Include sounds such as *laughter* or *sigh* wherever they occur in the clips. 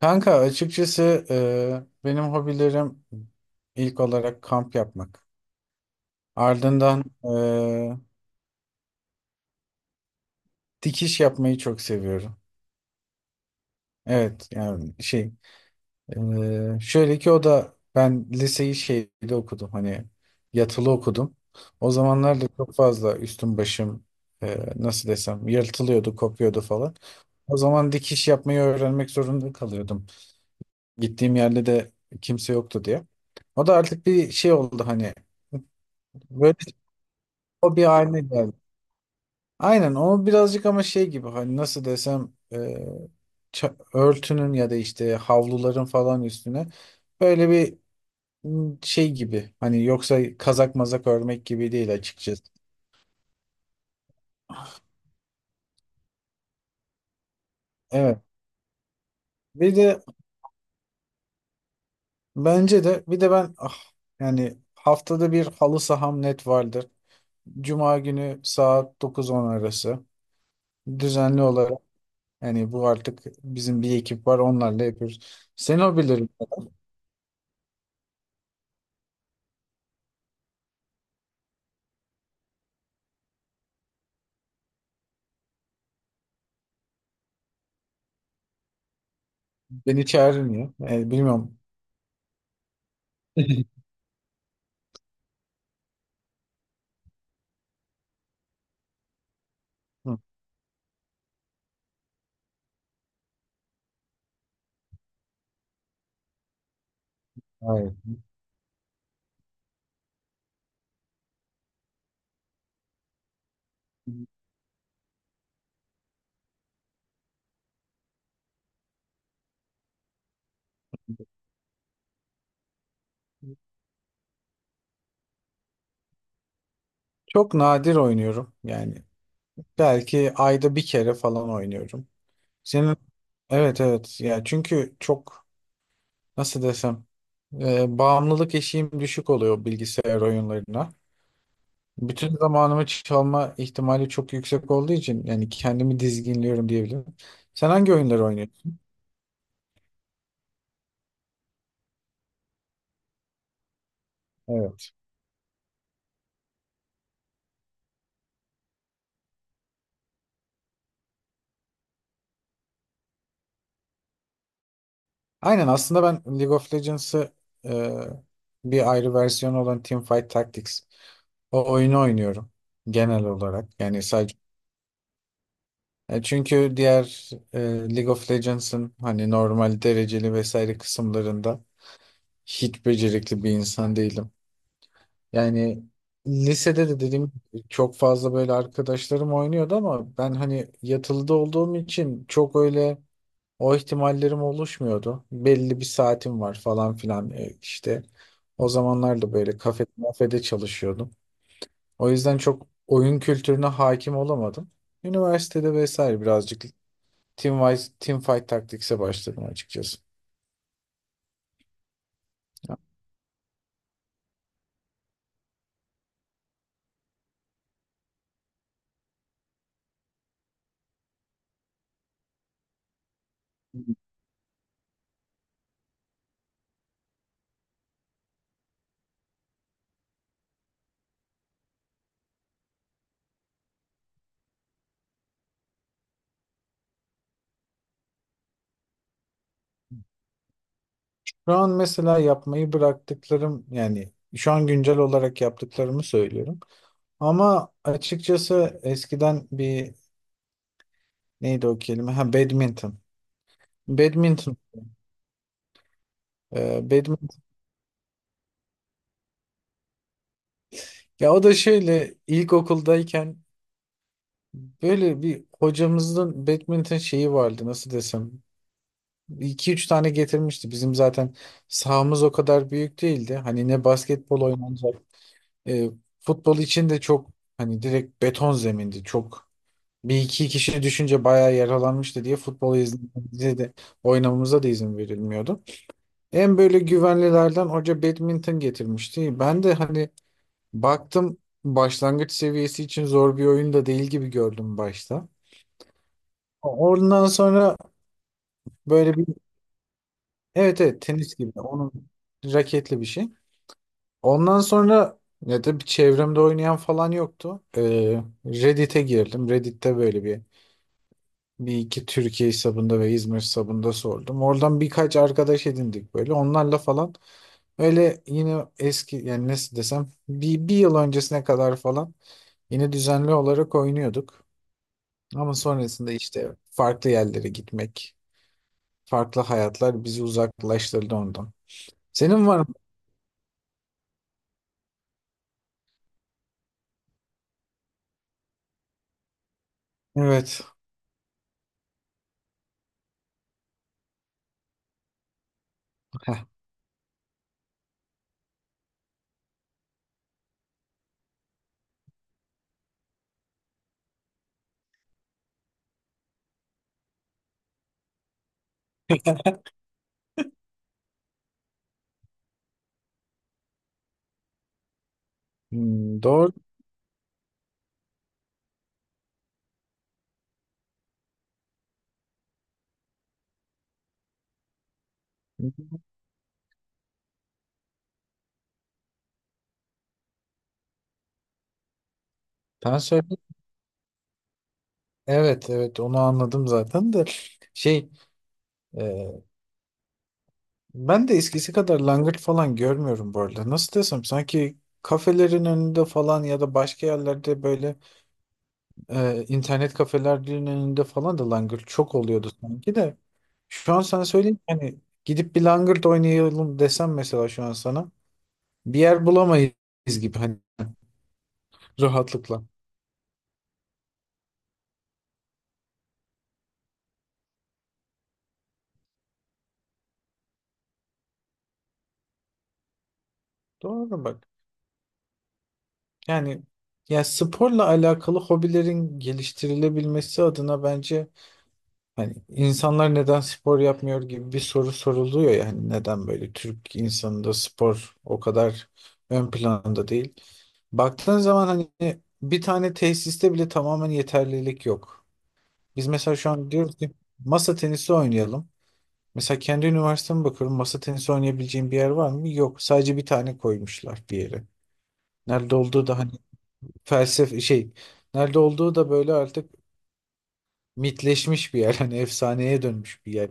Kanka, açıkçası benim hobilerim ilk olarak kamp yapmak. Ardından dikiş yapmayı çok seviyorum. Evet, yani şey, şöyle ki, o da ben liseyi şeyde okudum, hani yatılı okudum. O zamanlar da çok fazla üstüm başım, nasıl desem, yırtılıyordu, kopuyordu falan. O zaman dikiş yapmayı öğrenmek zorunda kalıyordum. Gittiğim yerde de kimse yoktu diye. O da artık bir şey oldu hani. Böyle bir hobi haline geldi. Aynen, o birazcık, ama şey gibi hani, nasıl desem, örtünün ya da işte havluların falan üstüne böyle bir, şey gibi hani, yoksa kazak mazak örmek gibi değil açıkçası. Evet. Bir de, bence de, bir de ben, yani haftada bir halı saham net vardır. Cuma günü saat dokuz on arası düzenli olarak, yani bu artık bizim bir ekip var, onlarla yapıyoruz. Sen o bilir. Beni çağırmıyor. Yani bilmiyorum. *laughs* Hı, Hayır. Çok nadir oynuyorum yani. Belki ayda bir kere falan oynuyorum. Senin, evet evet ya, çünkü çok, nasıl desem, bağımlılık eşiğim düşük oluyor bilgisayar oyunlarına. Bütün zamanımı çalma ihtimali çok yüksek olduğu için, yani kendimi dizginliyorum diyebilirim. Sen hangi oyunları oynuyorsun? Evet. Aynen, aslında ben League of Legends'ı, e, bir ayrı versiyonu olan Teamfight Tactics, o oyunu oynuyorum genel olarak. Yani sadece, çünkü diğer, League of Legends'ın hani normal dereceli vesaire kısımlarında hiç becerikli bir insan değilim. Yani lisede de dedim, çok fazla böyle arkadaşlarım oynuyordu ama ben hani yatılıda olduğum için çok öyle, o ihtimallerim oluşmuyordu. Belli bir saatim var falan filan, işte. O zamanlar da böyle kafede çalışıyordum. O yüzden çok oyun kültürüne hakim olamadım. Üniversitede vesaire birazcık team, team fight taktikse başladım açıkçası. Ya, şu an mesela yapmayı bıraktıklarım, yani şu an güncel olarak yaptıklarımı söylüyorum. Ama açıkçası eskiden bir, neydi o kelime? Ha, badminton. Badminton. Badminton. Ya o da şöyle, ilkokuldayken böyle bir hocamızın badminton şeyi vardı, nasıl desem. İki üç tane getirmişti. Bizim zaten sahamız o kadar büyük değildi. Hani ne basketbol oynanacak. e, Futbol için de çok, hani direkt beton zemindi. Çok, bir iki kişi düşünce bayağı yaralanmıştı diye futbol izlememize de oynamamıza da izin verilmiyordu. En böyle güvenlilerden hoca badminton getirmişti. Ben de hani baktım, başlangıç seviyesi için zor bir oyun da değil gibi gördüm başta. Ondan sonra böyle bir, evet evet, tenis gibi, onun raketli bir şey. Ondan sonra, ya da bir çevremde oynayan falan yoktu. Reddit'e girdim. Reddit'te böyle bir, bir iki Türkiye hesabında ve İzmir hesabında sordum. Oradan birkaç arkadaş edindik böyle. Onlarla falan öyle yine eski, yani nasıl desem, bir yıl öncesine kadar falan yine düzenli olarak oynuyorduk. Ama sonrasında işte farklı yerlere gitmek, farklı hayatlar bizi uzaklaştırdı ondan. Senin var mı? Evet. Heh. Hmm, doğru. Ben söyleyeyim. Evet evet, onu anladım zaten de, şey, e, ben de eskisi kadar langırt falan görmüyorum bu arada. Nasıl desem, sanki kafelerin önünde falan ya da başka yerlerde böyle, internet kafelerinin önünde falan da langırt çok oluyordu sanki de. Şu an sana söyleyeyim ki hani, gidip bir langırt oynayalım desem mesela şu an sana, bir yer bulamayız gibi, hani rahatlıkla. Doğru bak. Yani, ya sporla alakalı hobilerin geliştirilebilmesi adına, bence hani insanlar neden spor yapmıyor gibi bir soru soruluyor ya, hani neden böyle Türk insanında spor o kadar ön planda değil. Baktığın zaman hani bir tane tesiste bile tamamen yeterlilik yok. Biz mesela şu an diyoruz ki masa tenisi oynayalım. Mesela kendi üniversiteme bakıyorum. Masa tenisi oynayabileceğim bir yer var mı? Yok. Sadece bir tane koymuşlar bir yere. Nerede olduğu da hani, felsefe şey, nerede olduğu da böyle artık mitleşmiş bir yer. *laughs* Hani efsaneye dönmüş bir yer.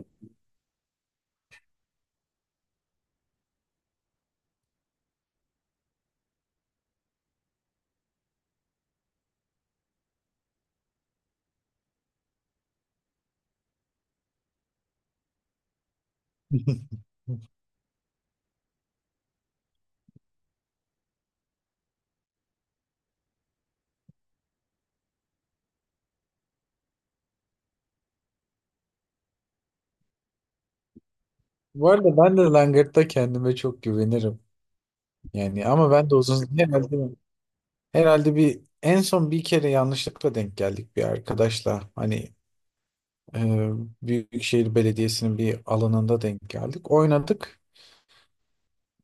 *laughs* Bu arada ben de Langırt'ta kendime çok güvenirim. Yani ama ben de uzun, herhalde, herhalde bir en son bir kere yanlışlıkla denk geldik bir arkadaşla. Hani, e, Büyükşehir Belediyesi'nin bir alanında denk geldik. Oynadık.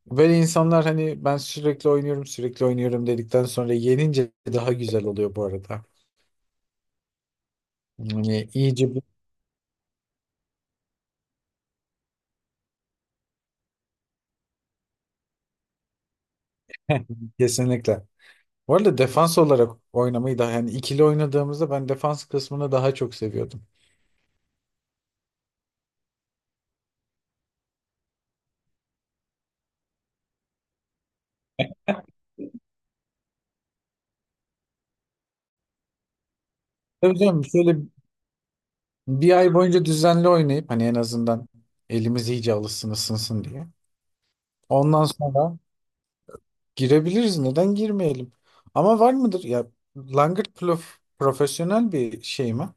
Böyle insanlar, hani ben sürekli oynuyorum sürekli oynuyorum dedikten sonra yenince daha güzel oluyor bu arada. Yani iyice bir... *laughs* Kesinlikle. Bu arada defans olarak oynamayı da, yani ikili oynadığımızda ben defans kısmını daha çok seviyordum. Tabii canım, şöyle bir ay boyunca düzenli oynayıp hani en azından elimiz iyice alışsın, ısınsın diye. Ondan sonra girebiliriz. Neden girmeyelim? Ama var mıdır? Ya, Langırt Plof profesyonel bir şey mi?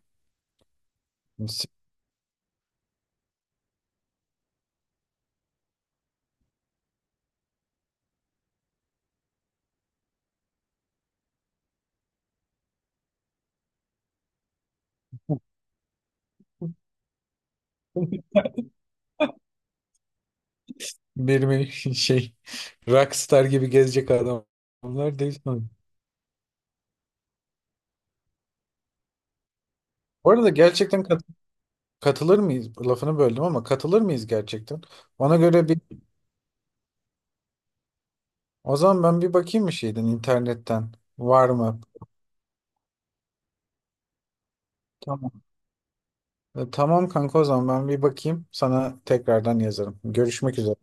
*laughs* Benim, şey, rockstar gibi gezecek adamlar değil sanırım. Bu arada gerçekten katılır mıyız? Lafını böldüm ama katılır mıyız gerçekten? Ona göre bir, o zaman ben bir bakayım bir şeyden, internetten, var mı? Tamam. E, tamam kanka, o zaman ben bir bakayım, sana tekrardan yazarım. Görüşmek üzere.